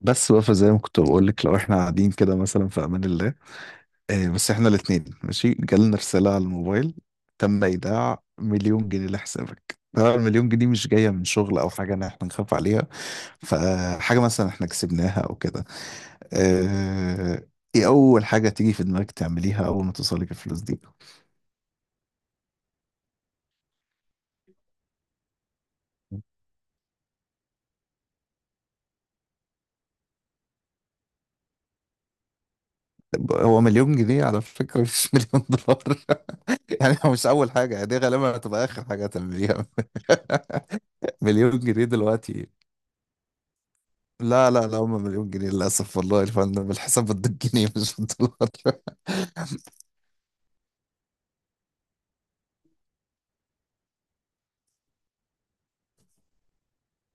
بس بقى فزي ما كنت بقول لك لو احنا قاعدين كده مثلا في امان الله. بس احنا الاثنين ماشي جالنا رساله على الموبايل: تم ايداع مليون جنيه لحسابك. طبعا المليون جنيه مش جايه من شغل او حاجه ان احنا نخاف عليها، فحاجه مثلا احنا كسبناها او كده. آه، ايه اول حاجه تيجي في دماغك تعمليها اول ما توصلك الفلوس دي؟ طب هو مليون جنيه على فكره مش مليون دولار. يعني هو مش اول حاجه، يعني دي غالبا هتبقى اخر حاجه هتعمليها. مليون جنيه دلوقتي. لا هم مليون جنيه للأسف، والله يا فندم الحساب بده الجنيه مش بالدولار.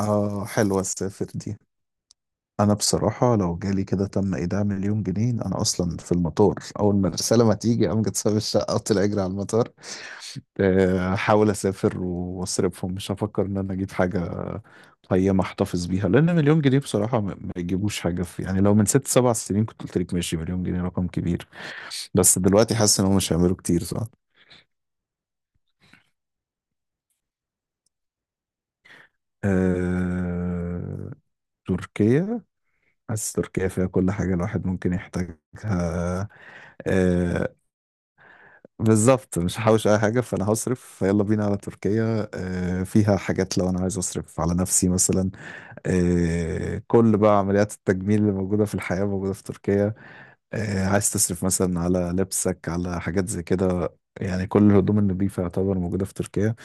اه حلوة السافر دي. أنا بصراحة لو جالي كده تم إيداع مليون جنيه أنا أصلا في المطار. أول ما الرسالة ما تيجي أقوم جت ساب الشقة أطلع أجري على المطار، أحاول أسافر وأصرفهم، مش هفكر إن أنا أجيب حاجة قيمة أحتفظ بيها، لأن مليون جنيه بصراحة ما يجيبوش حاجة. في يعني لو من ست سبع سنين كنت قلت لك ماشي مليون جنيه رقم كبير، بس دلوقتي حاسس إن هم مش هيعملوا كتير، صح؟ آه... تركيا. حاسس تركيا فيها كل حاجة الواحد ممكن يحتاجها. آه... بالظبط، مش هحوش أي حاجة فأنا هصرف فيلا بينا على تركيا. فيها حاجات لو أنا عايز أصرف على نفسي مثلا. كل بقى عمليات التجميل اللي موجودة في الحياة موجودة في تركيا. عايز تصرف مثلا على لبسك، على حاجات زي كده. يعني كل الهدوم النظيفة يعتبر موجودة في تركيا.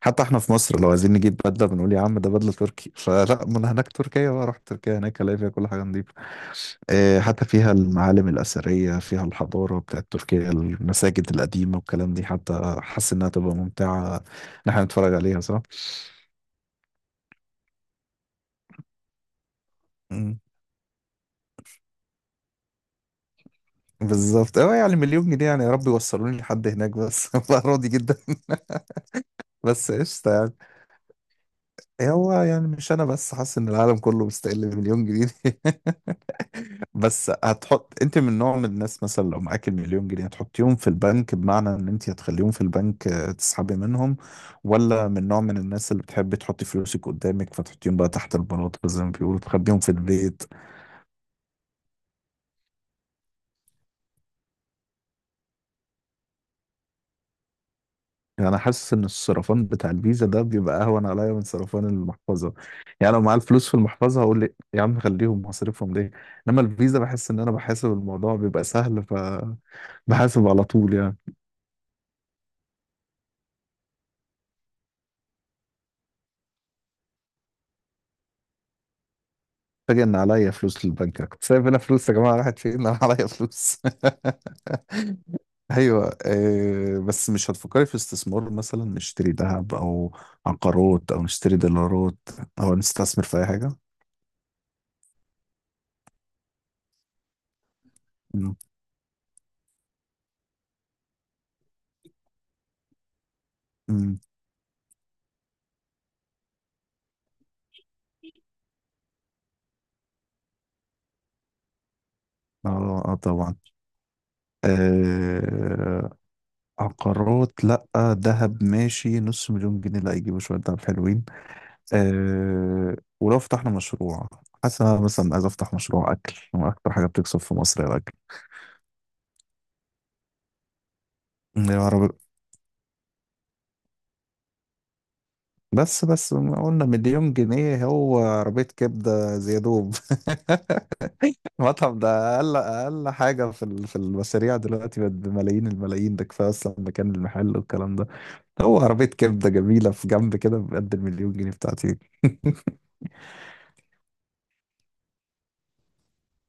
حتى احنا في مصر لو عايزين نجيب بدلة بنقول يا عم ده بدلة تركي. فلا، من هناك تركيا بقى، رحت تركيا هناك الاقي فيها كل حاجة نظيفة. حتى فيها المعالم الأثرية، فيها الحضارة بتاعت تركيا، المساجد القديمة والكلام دي. حتى حاسس إنها تبقى ممتعة إن احنا نتفرج عليها، صح؟ مم. بالظبط، اه يعني مليون جنيه، يعني يا رب يوصلوني لحد هناك بس أبقى راضي جدا. بس قشطة يعني. إيه، هو يعني مش انا بس حاسس ان العالم كله مستقل بمليون جنيه. بس هتحط انت من نوع من الناس مثلا لو معاك المليون جنيه هتحطيهم في البنك، بمعنى ان انت هتخليهم في البنك تسحبي منهم، ولا من نوع من الناس اللي بتحب تحطي فلوسك قدامك فتحطيهم بقى تحت البلاط زي ما بيقولوا، تخبيهم في البيت؟ يعني انا حاسس ان الصرفان بتاع الفيزا ده بيبقى اهون عليا من صرفان المحفظه. يعني لو معايا الفلوس في المحفظه هقول لي يا عم خليهم، هصرفهم ليه؟ انما الفيزا بحس ان انا بحاسب، الموضوع بيبقى سهل، ف بحاسب على طول يعني. فاجئ ان عليا فلوس للبنك، أنا كنت سايب هنا فلوس يا جماعه راحت فين؟ انا عليا فلوس. ايوه، بس مش هتفكري في استثمار مثلا نشتري ذهب او عقارات، او نشتري دولارات، او نستثمر في اي حاجه؟ مم. مم. اه طبعا. آه. عقارات لا، ذهب ماشي، نص مليون جنيه لا يجيبوا شويه ذهب حلوين. آه، ولو فتحنا مشروع، حاسس إن أنا مثلا عايز افتح مشروع اكل. اكتر حاجه بتكسب في مصر الاكل العربي. بس ما قلنا مليون جنيه، هو عربية كبدة زيادوب. المطعم ده أقل حاجة في في المشاريع دلوقتي بقت بملايين الملايين، ده كفاية أصلا مكان المحل والكلام ده. هو عربية كبدة جميلة في جنب كده بقد المليون جنيه بتاعتي.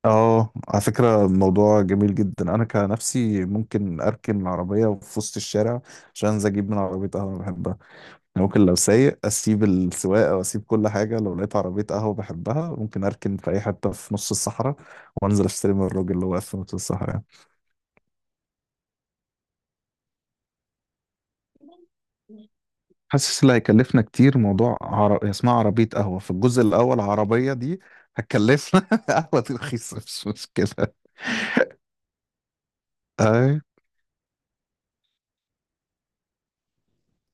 اه على فكرة الموضوع جميل جدا، أنا كنفسي ممكن أركن العربية في وسط الشارع عشان أنزل أجيب من عربية قهوة أنا بحبها. أنا ممكن لو سايق اسيب السواقه واسيب كل حاجه لو لقيت عربيه قهوه بحبها، ممكن اركن في اي حته في نص الصحراء وانزل اشتري من الراجل اللي واقف في نص الصحراء يعني. حاسس اللي هيكلفنا كتير موضوع اسمها عربيه قهوه، في الجزء الاول العربيه دي هتكلفنا. قهوه دي رخيصه مش مشكله. اي.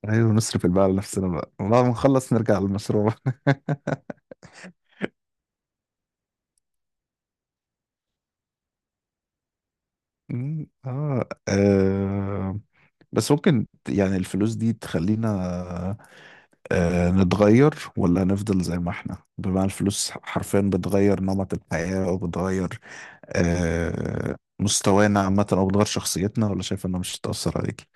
ايوه نصرف الباقي على نفسنا بقى بعد ما نخلص نرجع للمشروع. أمم، اه آه، بس ممكن يعني الفلوس دي تخلينا نتغير ولا هنفضل زي ما احنا؟ بمعنى الفلوس حرفيا بتغير نمط الحياة، او بتغير آه، مستوانا عامة، او بتغير شخصيتنا، ولا شايف انها مش هتأثر عليك؟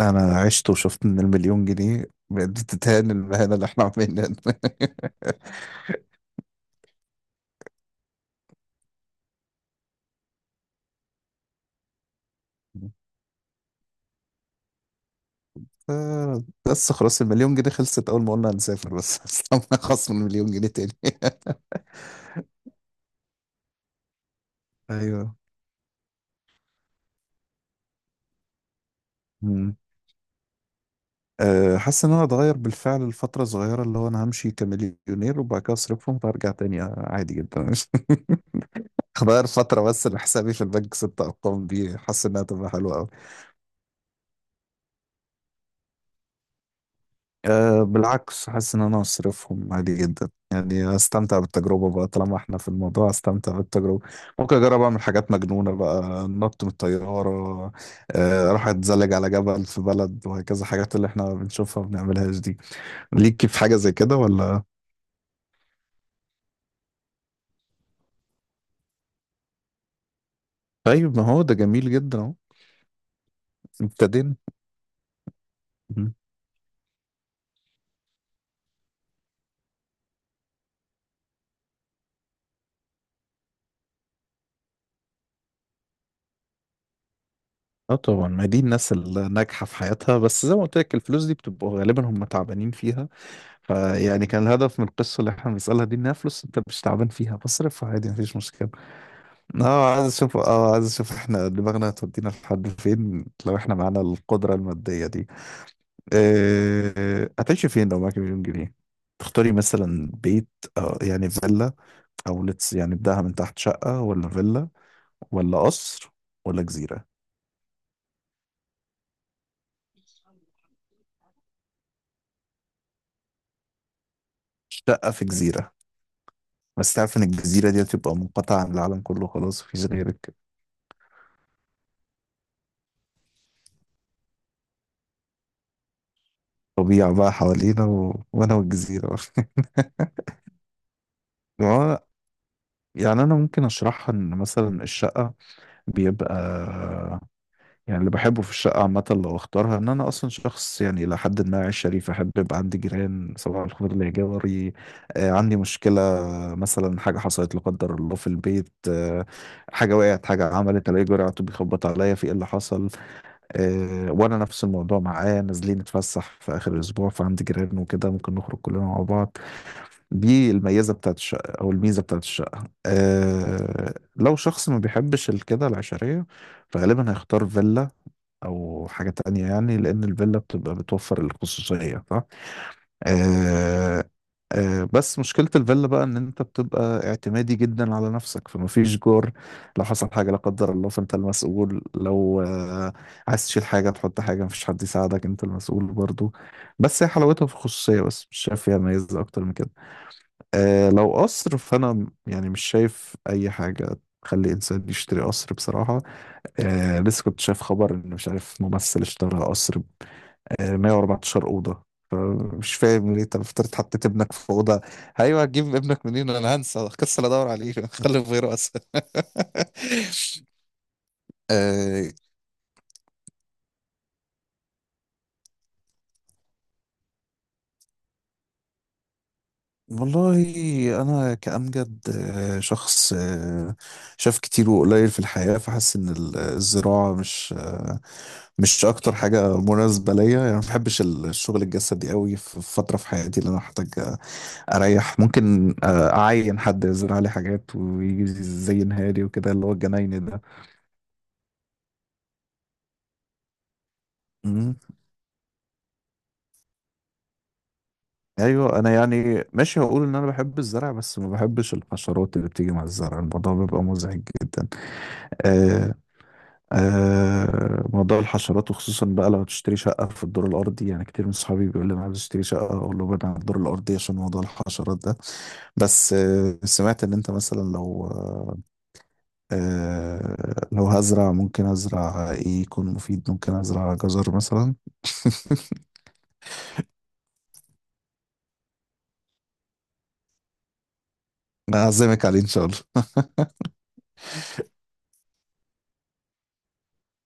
انا عشت وشفت ان المليون جنيه بتتهان المهنة اللي احنا عاملينها. بس خلاص المليون جنيه خلصت اول ما قلنا هنسافر بس. استنى خصم المليون جنيه تاني. ايوه. مم. أه حاسس ان انا اتغير بالفعل لفتره صغيره، اللي هو انا همشي كمليونير وبعد كده اصرفهم فارجع تاني عادي جدا. غير فترة بس لحسابي في البنك ست أرقام دي حاسس إنها تبقى حلوة أوي. أه بالعكس حاسس إن أنا أصرفهم عادي جدا، يعني أستمتع بالتجربة بقى طالما إحنا في الموضوع، أستمتع بالتجربة. ممكن أجرب أعمل حاجات مجنونة بقى، نط من الطيارة، أه أروح أتزلج على جبل في بلد، وهكذا حاجات اللي إحنا بنشوفها ما بنعملهاش دي. ليك في حاجة زي كده ولا؟ طيب ما هو ده جميل جدا أهو. ابتدينا. مم. اه طبعا، ما دي الناس الناجحة في حياتها، بس زي ما قلت لك الفلوس دي بتبقى غالبا هم تعبانين فيها، فيعني كان الهدف من القصة اللي احنا بنسألها دي انها فلوس انت مش تعبان فيها فاصرفها عادي مفيش مشكلة. اه عايز اشوف، اه عايز اشوف احنا دماغنا هتودينا لحد فين لو احنا معانا القدرة المادية دي. اه، هتعيشي فين لو معاكي مليون جنيه؟ تختاري مثلا بيت، آه يعني فيلا، او لتس يعني بداها من تحت، شقة ولا فيلا ولا قصر ولا جزيرة؟ شقة في جزيرة؟ بس تعرف ان الجزيرة دي هتبقى منقطعة عن العالم كله خلاص مفيش غيرك. طبيعة بقى حوالينا وانا والجزيرة. و- يعني انا ممكن اشرحها، ان مثلا الشقه بيبقى، يعني اللي بحبه في الشقه عامه لو اختارها، ان انا اصلا شخص يعني الى حد ما عايش شريف، احب يبقى عندي جيران صباح الخير ليا جاري، آه عندي مشكله مثلا حاجه حصلت لا قدر الله في البيت، آه حاجه وقعت حاجه عملت، الاقي جاري على طول بيخبط عليا في ايه اللي حصل، آه وانا نفس الموضوع معاه، نازلين نتفسح في اخر الاسبوع فعندي جيران وكده ممكن نخرج كلنا مع بعض. دي الميزة بتاعت الشقة. أو الميزة بتاعت الشقة أه لو شخص ما بيحبش الكده العشرية، فغالبا هيختار فيلا أو حاجة تانية يعني، لأن الفيلا بتبقى بتوفر الخصوصية، صح؟ أه. أه بس مشكلة الفيلا بقى إن أنت بتبقى اعتمادي جدا على نفسك، فما فيش جار. لو حصل حاجة لا قدر الله فأنت المسؤول، لو أه عايز تشيل حاجة تحط حاجة مفيش حد يساعدك أنت المسؤول برضو. بس هي حلاوتها في الخصوصية بس، مش شايف فيها ميزة أكتر من كده. آه لو قصر فانا يعني مش شايف اي حاجه تخلي انسان يشتري قصر بصراحه. آه لسه كنت شايف خبر ان مش عارف ممثل اشترى قصر ب آه 114 اوضه، فمش فاهم ليه، انت المفترض حطيت ابنك في اوضه؟ ايوه هتجيب ابنك منين، انا هنسى كسل ادور عليه. خلي في غيره اسهل. والله انا كأمجد شخص شاف كتير وقليل في الحياة، فحاسس ان الزراعة مش مش اكتر حاجة مناسبة ليا يعني. ما بحبش الشغل الجسدي قوي، في فترة في حياتي اللي انا احتاج اريح، ممكن اعين حد يزرع لي حاجات ويجي زينها لي وكده، اللي هو الجناين ده. مم. ايوه انا يعني ماشي هقول ان انا بحب الزرع بس ما بحبش الحشرات اللي بتيجي مع الزرع، الموضوع بيبقى مزعج جدا. آه، آه موضوع الحشرات، وخصوصا بقى لو هتشتري شقة في الدور الأرضي. يعني كتير من صحابي بيقول لي أنا عايز أشتري شقة أقول له بعد عن الدور الأرضي عشان موضوع الحشرات ده. بس آه سمعت إن أنت مثلا لو آه لو هزرع ممكن أزرع إيه يكون مفيد، ممكن أزرع جزر مثلا. أعزمك عليه إن شاء الله.